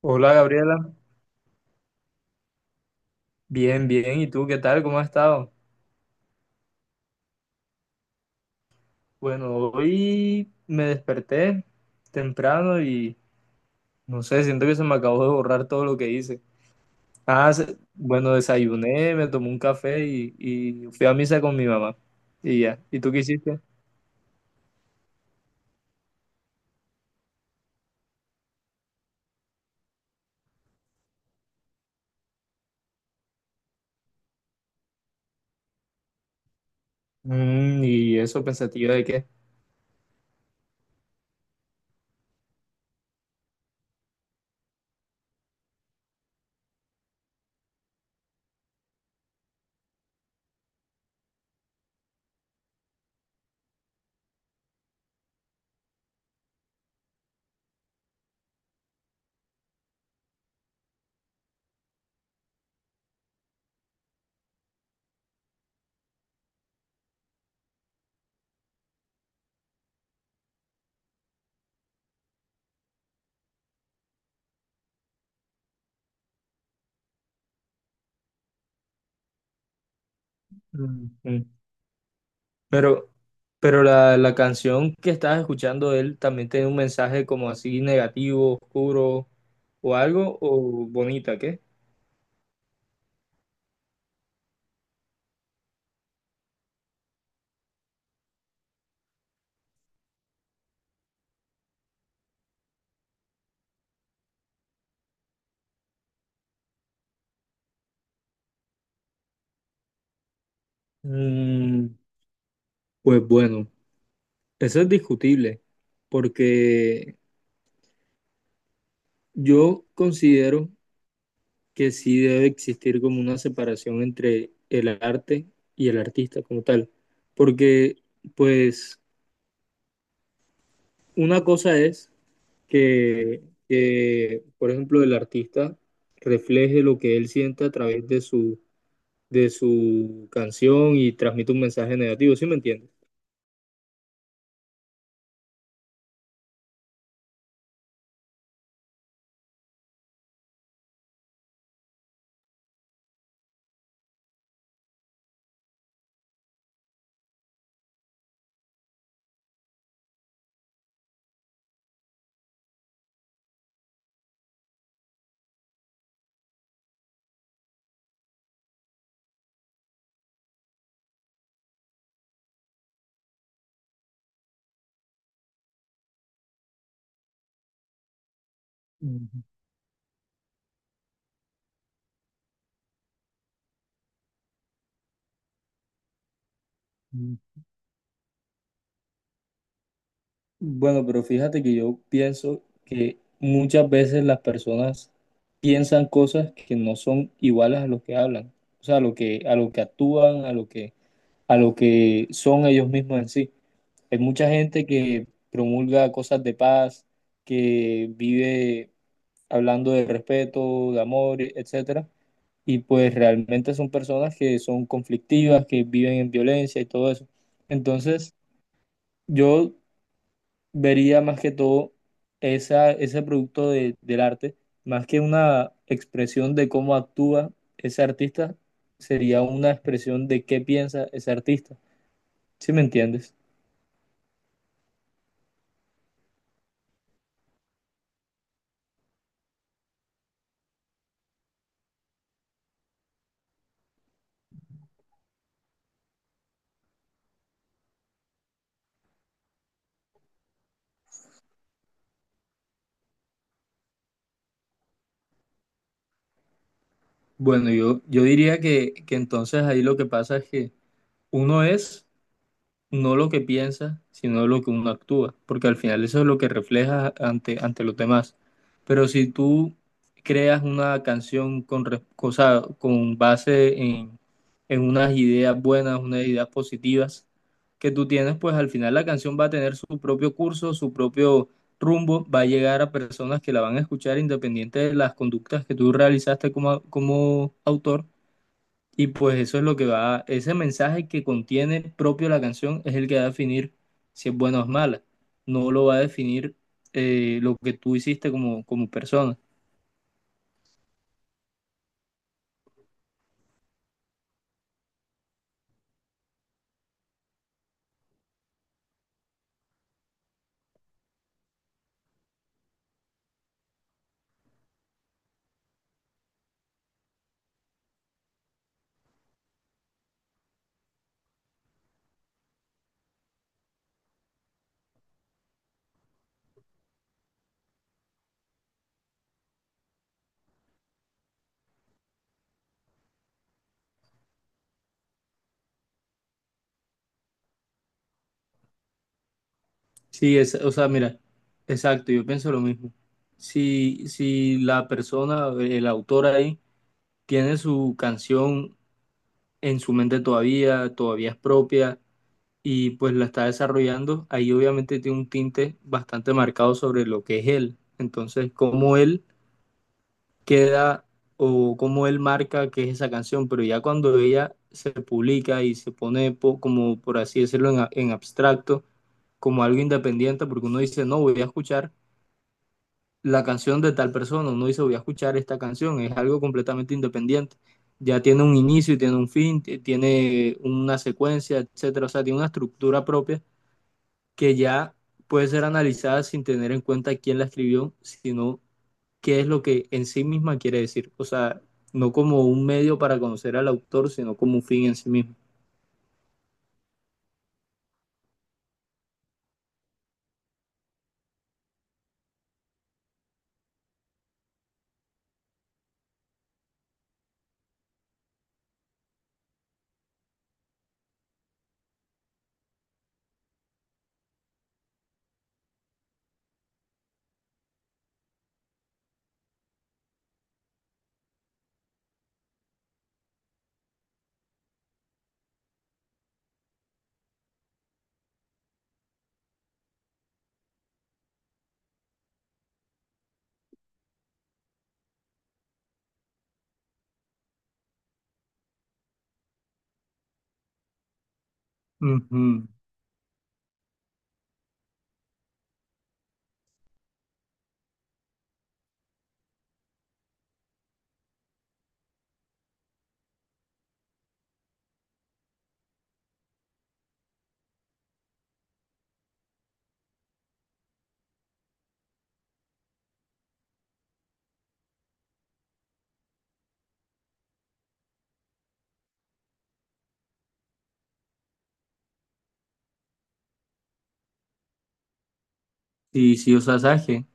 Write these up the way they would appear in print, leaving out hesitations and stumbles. Hola Gabriela, bien, bien. ¿Y tú qué tal? ¿Cómo has estado? Bueno, hoy me desperté temprano y no sé, siento que se me acabó de borrar todo lo que hice. Bueno, desayuné, me tomé un café y fui a misa con mi mamá. Y ya. ¿Y tú qué hiciste? Mm, ¿y eso pensativa de qué? Mm, mm. Pero, pero la canción que estabas escuchando de él, ¿también tiene un mensaje como así negativo, oscuro o algo, o bonita, qué? Pues bueno, eso es discutible, porque yo considero que sí debe existir como una separación entre el arte y el artista como tal, porque pues una cosa es que, que, por ejemplo, el artista refleje lo que él siente a través de de su canción y transmite un mensaje negativo, ¿sí me entiendes? Ujú. Bueno, pero fíjate que yo pienso que muchas veces las personas piensan cosas que no son iguales a lo que hablan, o sea, a lo que actúan, a lo que son ellos mismos en sí. Hay mucha gente que promulga cosas de paz, que vive hablando de respeto, de amor, etcétera, y pues realmente son personas que son conflictivas, que viven en violencia y todo eso. Entonces, yo vería más que todo ese producto del arte, más que una expresión de cómo actúa ese artista, sería una expresión de qué piensa ese artista. ¿Sí me entiendes? Bueno, yo diría que entonces ahí lo que pasa es que uno es no lo que piensa, sino lo que uno actúa, porque al final eso es lo que refleja ante, ante los demás. Pero si tú creas una canción con, o sea, con base en unas ideas buenas, unas ideas positivas que tú tienes, pues al final la canción va a tener su propio curso, su propio rumbo, va a llegar a personas que la van a escuchar independiente de las conductas que tú realizaste como, como autor y pues eso es lo que va, ese mensaje que contiene propio la canción es el que va a definir si es buena o es mala. No lo va a definir lo que tú hiciste como, como persona. Sí, es, o sea, mira, exacto, yo pienso lo mismo. Si la persona, el autor ahí, tiene su canción en su mente todavía, todavía es propia y pues la está desarrollando, ahí obviamente tiene un tinte bastante marcado sobre lo que es él. Entonces, como él queda o cómo él marca que es esa canción, pero ya cuando ella se publica y se pone como, por así decirlo, en, en abstracto, como algo independiente, porque uno dice, no, voy a escuchar la canción de tal persona, uno dice, voy a escuchar esta canción, es algo completamente independiente. Ya tiene un inicio, tiene un fin, tiene una secuencia, etcétera, o sea, tiene una estructura propia que ya puede ser analizada sin tener en cuenta quién la escribió, sino qué es lo que en sí misma quiere decir. O sea, no como un medio para conocer al autor, sino como un fin en sí mismo. Ujú. Sí, sí, o sea, ¿sabes qué?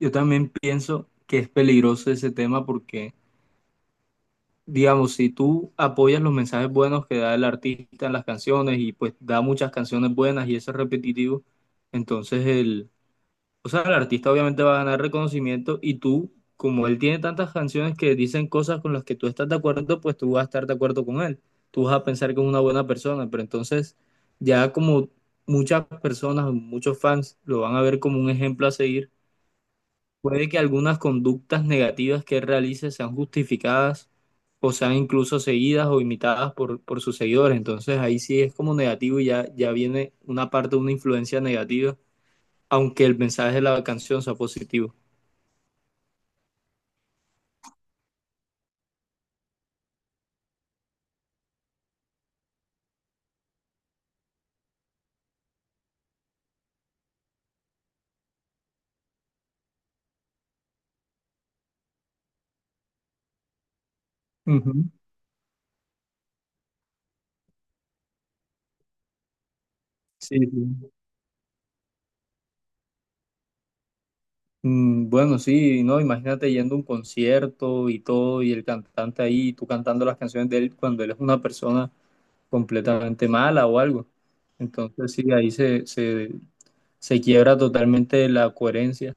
Yo también pienso que es peligroso ese tema porque, digamos, si tú apoyas los mensajes buenos que da el artista en las canciones y pues da muchas canciones buenas y eso es repetitivo, entonces el, o sea, el artista obviamente va a ganar reconocimiento y tú, como él tiene tantas canciones que dicen cosas con las que tú estás de acuerdo, pues tú vas a estar de acuerdo con él. Tú vas a pensar que es una buena persona, pero entonces ya como muchas personas, muchos fans lo van a ver como un ejemplo a seguir, puede que algunas conductas negativas que él realice sean justificadas o sean incluso seguidas o imitadas por sus seguidores. Entonces ahí sí es como negativo y ya, ya viene una parte de una influencia negativa aunque el mensaje de la canción sea positivo. Ujú. Sí, sí. Mm, bueno, sí, no, imagínate yendo a un concierto y todo, y el cantante ahí, tú cantando las canciones de él cuando él es una persona completamente mala o algo. Entonces, sí, ahí se quiebra totalmente la coherencia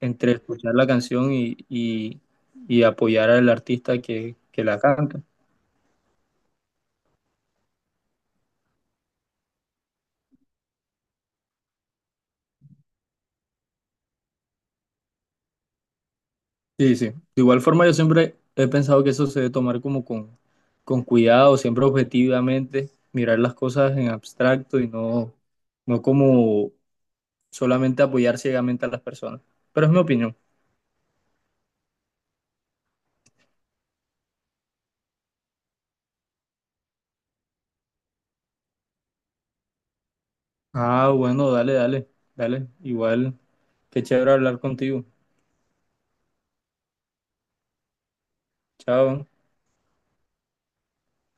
entre escuchar la canción y apoyar al artista que la canta. Sí, sí. De igual forma, yo siempre he pensado que eso se debe tomar como con cuidado, siempre objetivamente, mirar las cosas en abstracto y no, no como solamente apoyar ciegamente a las personas. Pero es mi opinión. Ah, bueno, dale, dale, dale. Igual, qué chévere hablar contigo. Chao.